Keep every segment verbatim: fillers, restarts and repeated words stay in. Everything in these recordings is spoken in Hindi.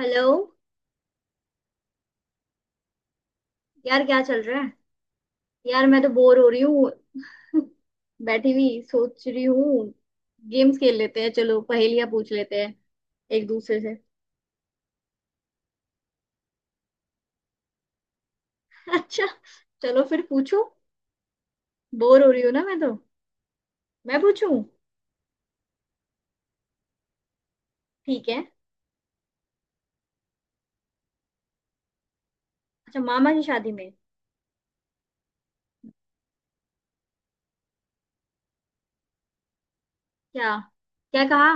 हेलो। यार क्या चल रहा है। यार मैं तो बोर हो रही हूँ। बैठी हुई सोच रही हूँ। गेम्स खेल लेते हैं, चलो पहेलियां पूछ लेते हैं एक दूसरे से। अच्छा, चलो फिर पूछूं, बोर हो रही हूँ ना मैं तो। मैं पूछूं? ठीक है। अच्छा, मामा की शादी में? क्या? क्या कहा?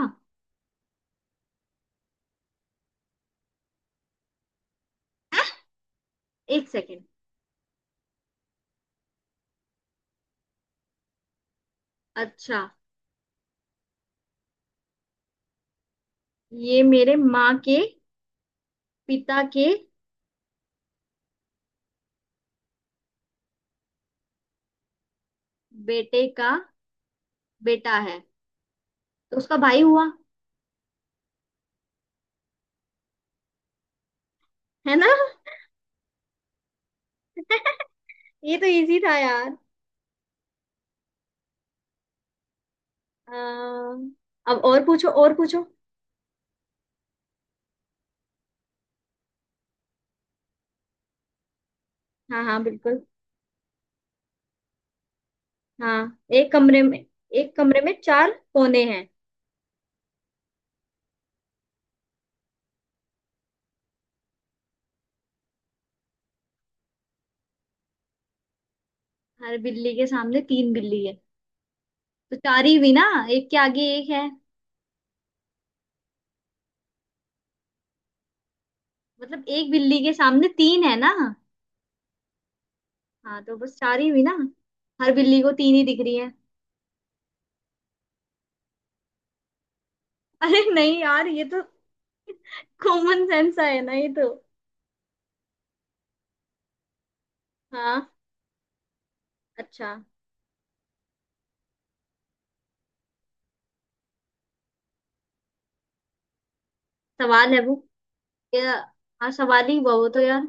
एक सेकेंड। अच्छा, ये मेरे माँ के पिता के बेटे का बेटा है, तो उसका भाई हुआ, है ना? ये तो इजी था यार। अम, अब और पूछो और पूछो। हाँ हाँ बिल्कुल। हाँ, एक कमरे में, एक कमरे में चार कोने हैं। हर बिल्ली के सामने तीन बिल्ली है, तो चार ही हुई ना। एक के आगे एक है, मतलब एक बिल्ली के सामने तीन है ना। हाँ तो बस चार ही हुई ना, हर बिल्ली को तीन ही दिख रही है। अरे नहीं यार, ये तो कॉमन सेंस है ना ये तो। हाँ, अच्छा। सवाल है वो, ये, हाँ सवाल ही हुआ वो तो यार।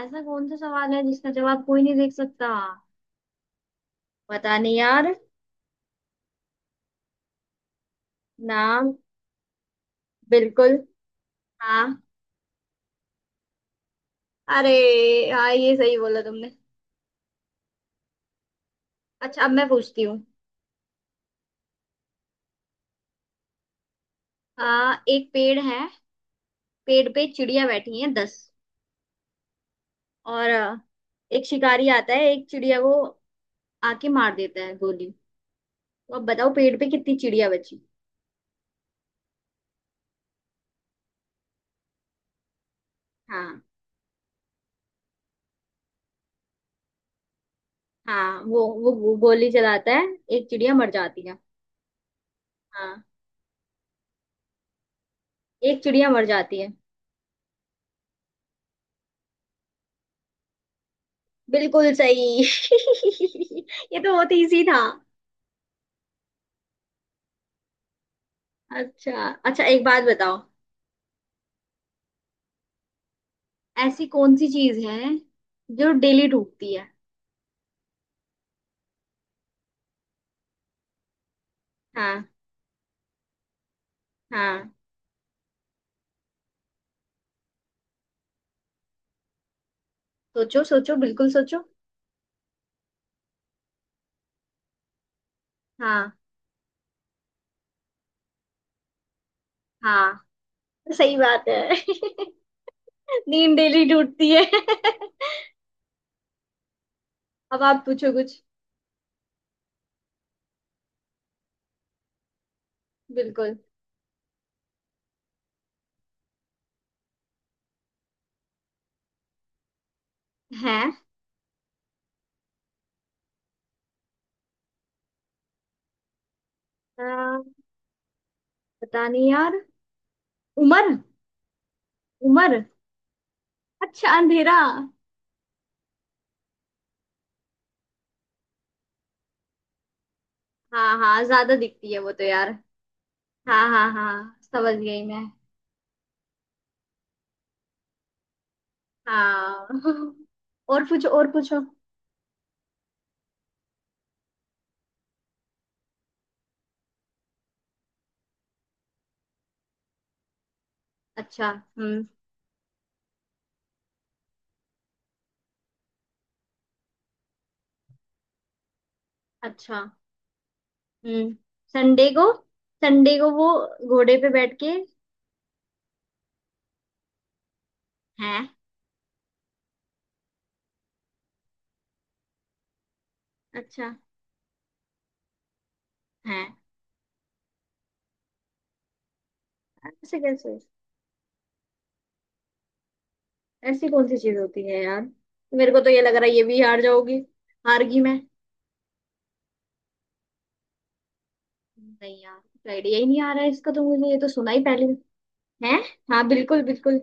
ऐसा कौन सा सवाल है जिसका जवाब कोई नहीं देख सकता? पता नहीं यार। ना। बिल्कुल। हाँ। अरे, हाँ ये सही बोला तुमने। अच्छा, अब मैं पूछती हूँ। आ, एक पेड़ है, पेड़ पे चिड़िया बैठी है दस। और आ, एक शिकारी आता है, एक चिड़िया को आके मार देता है गोली। तो अब बताओ पेड़ पे कितनी चिड़िया बची? हाँ। हाँ वो वो वो गोली चलाता है, एक चिड़िया मर जाती है। हाँ। एक चिड़िया मर जाती है। बिल्कुल सही। ये तो बहुत इजी था। अच्छा अच्छा, एक बात बताओ। ऐसी कौन सी चीज है जो डेली टूटती है? हाँ। हाँ। सोचो सोचो बिल्कुल सोचो। हाँ। हाँ सही बात है। नींद डेली टूटती है। अब आप पूछो कुछ। बिल्कुल। है। आ, पता नहीं यार। उम्र। उम्र। अच्छा अंधेरा? हाँ हाँ ज्यादा दिखती है वो तो यार। हाँ हाँ हाँ समझ गई मैं। हाँ। और पूछो और पूछो। अच्छा। हम्म। अच्छा। हम्म। संडे को, संडे को वो घोड़े पे बैठ के। हैं? अच्छा। हैं? ऐसे कैसे? ऐसी कौन सी चीज होती है यार? मेरे को तो ये लग रहा है ये भी हार जाओगी। हार गई मैं। नहीं यार, कुछ आइडिया ही नहीं आ रहा है, इसका तो मुझे ये तो सुना ही पहले है। हाँ बिल्कुल बिल्कुल।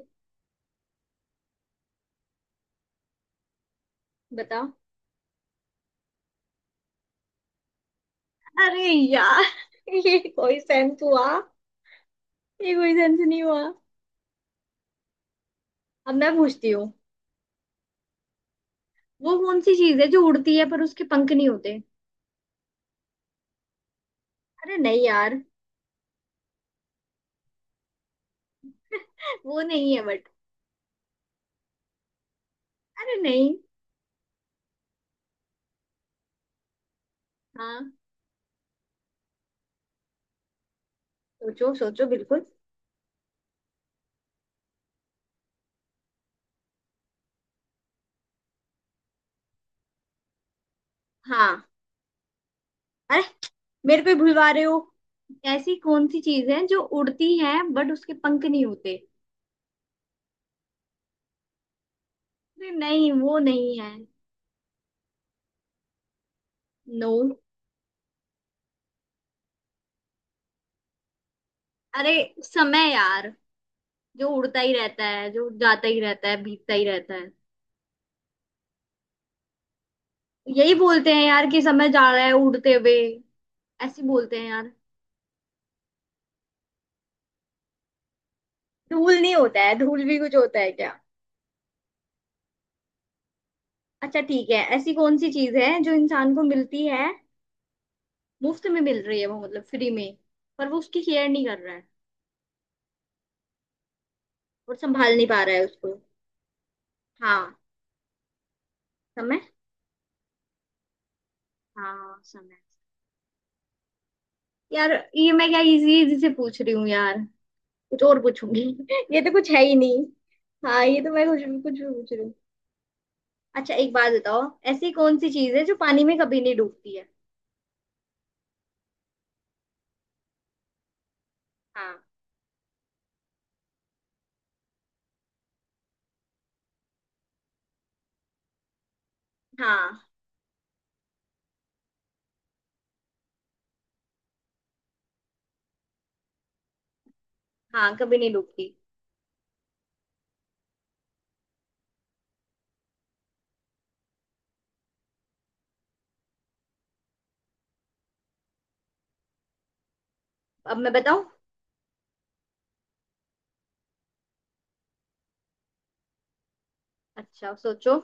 बताओ। अरे यार। ये कोई सेंस हुआ? ये कोई सेंस नहीं हुआ। अब मैं पूछती हूँ। वो कौन सी चीज है जो उड़ती है पर उसके पंख नहीं होते? अरे नहीं यार। वो नहीं है बट। अरे नहीं। हाँ। सोचो सोचो बिल्कुल। हाँ। अरे, मेरे को ही भुलवा रहे हो। ऐसी कौन सी चीज है जो उड़ती है बट उसके पंख नहीं होते? अरे नहीं वो नहीं है। नो। अरे। समय यार, जो उड़ता ही रहता है, जो जाता ही रहता है, बीतता ही रहता है। यही बोलते हैं यार कि समय जा रहा है उड़ते हुए। ऐसे बोलते हैं यार। धूल नहीं होता है, धूल भी कुछ होता है क्या? अच्छा ठीक है। ऐसी कौन सी चीज है जो इंसान को मिलती है? मुफ्त में मिल रही है वो, मतलब फ्री में, पर वो उसकी केयर नहीं कर रहा है और संभाल नहीं पा रहा है उसको। हाँ। समय। हाँ समय। यार, ये मैं क्या इजी इजी से पूछ रही हूँ यार। कुछ और पूछूंगी। ये तो कुछ है ही नहीं। हाँ ये तो मैं कुछ कुछ भी पूछ रही हूँ। अच्छा एक बात बताओ। ऐसी कौन सी चीज है जो पानी में कभी नहीं डूबती है? हाँ। हाँ। हाँ कभी नहीं डूबती। अब मैं बताऊं। अच्छा सोचो।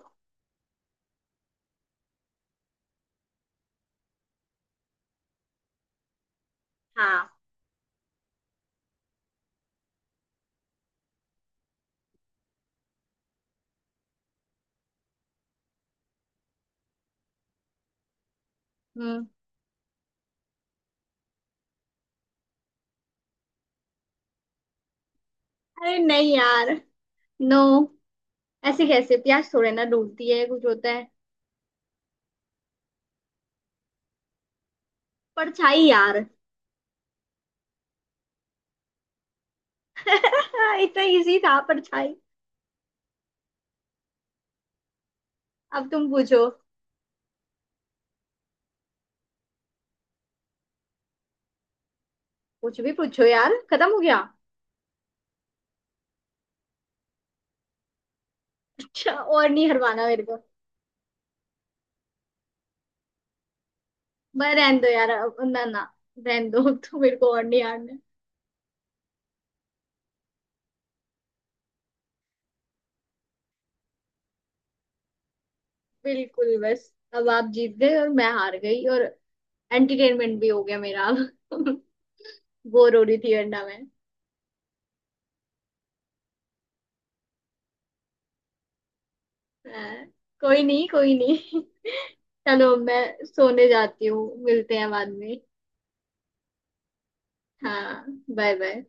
हाँ। हम्म। अरे नहीं यार। नो। ऐसे कैसे, प्यास थोड़े ना डूबती है, कुछ होता है। परछाई यार। इतना इजी था, परछाई। अब तुम पूछो। कुछ भी पूछो यार, खत्म हो गया। अच्छा, और नहीं हरवाना मेरे को। मैं रहने दो यार अब- ना ना रहने दो। अब तो मेरे को और नहीं हारना है। बिल्कुल, बस अब आप जीत गए और मैं हार गई, और एंटरटेनमेंट भी हो गया मेरा अब। बोर हो रही थी वरना मैं। हाँ, कोई नहीं कोई नहीं। चलो मैं सोने जाती हूँ, मिलते हैं बाद में। हाँ। Bye bye.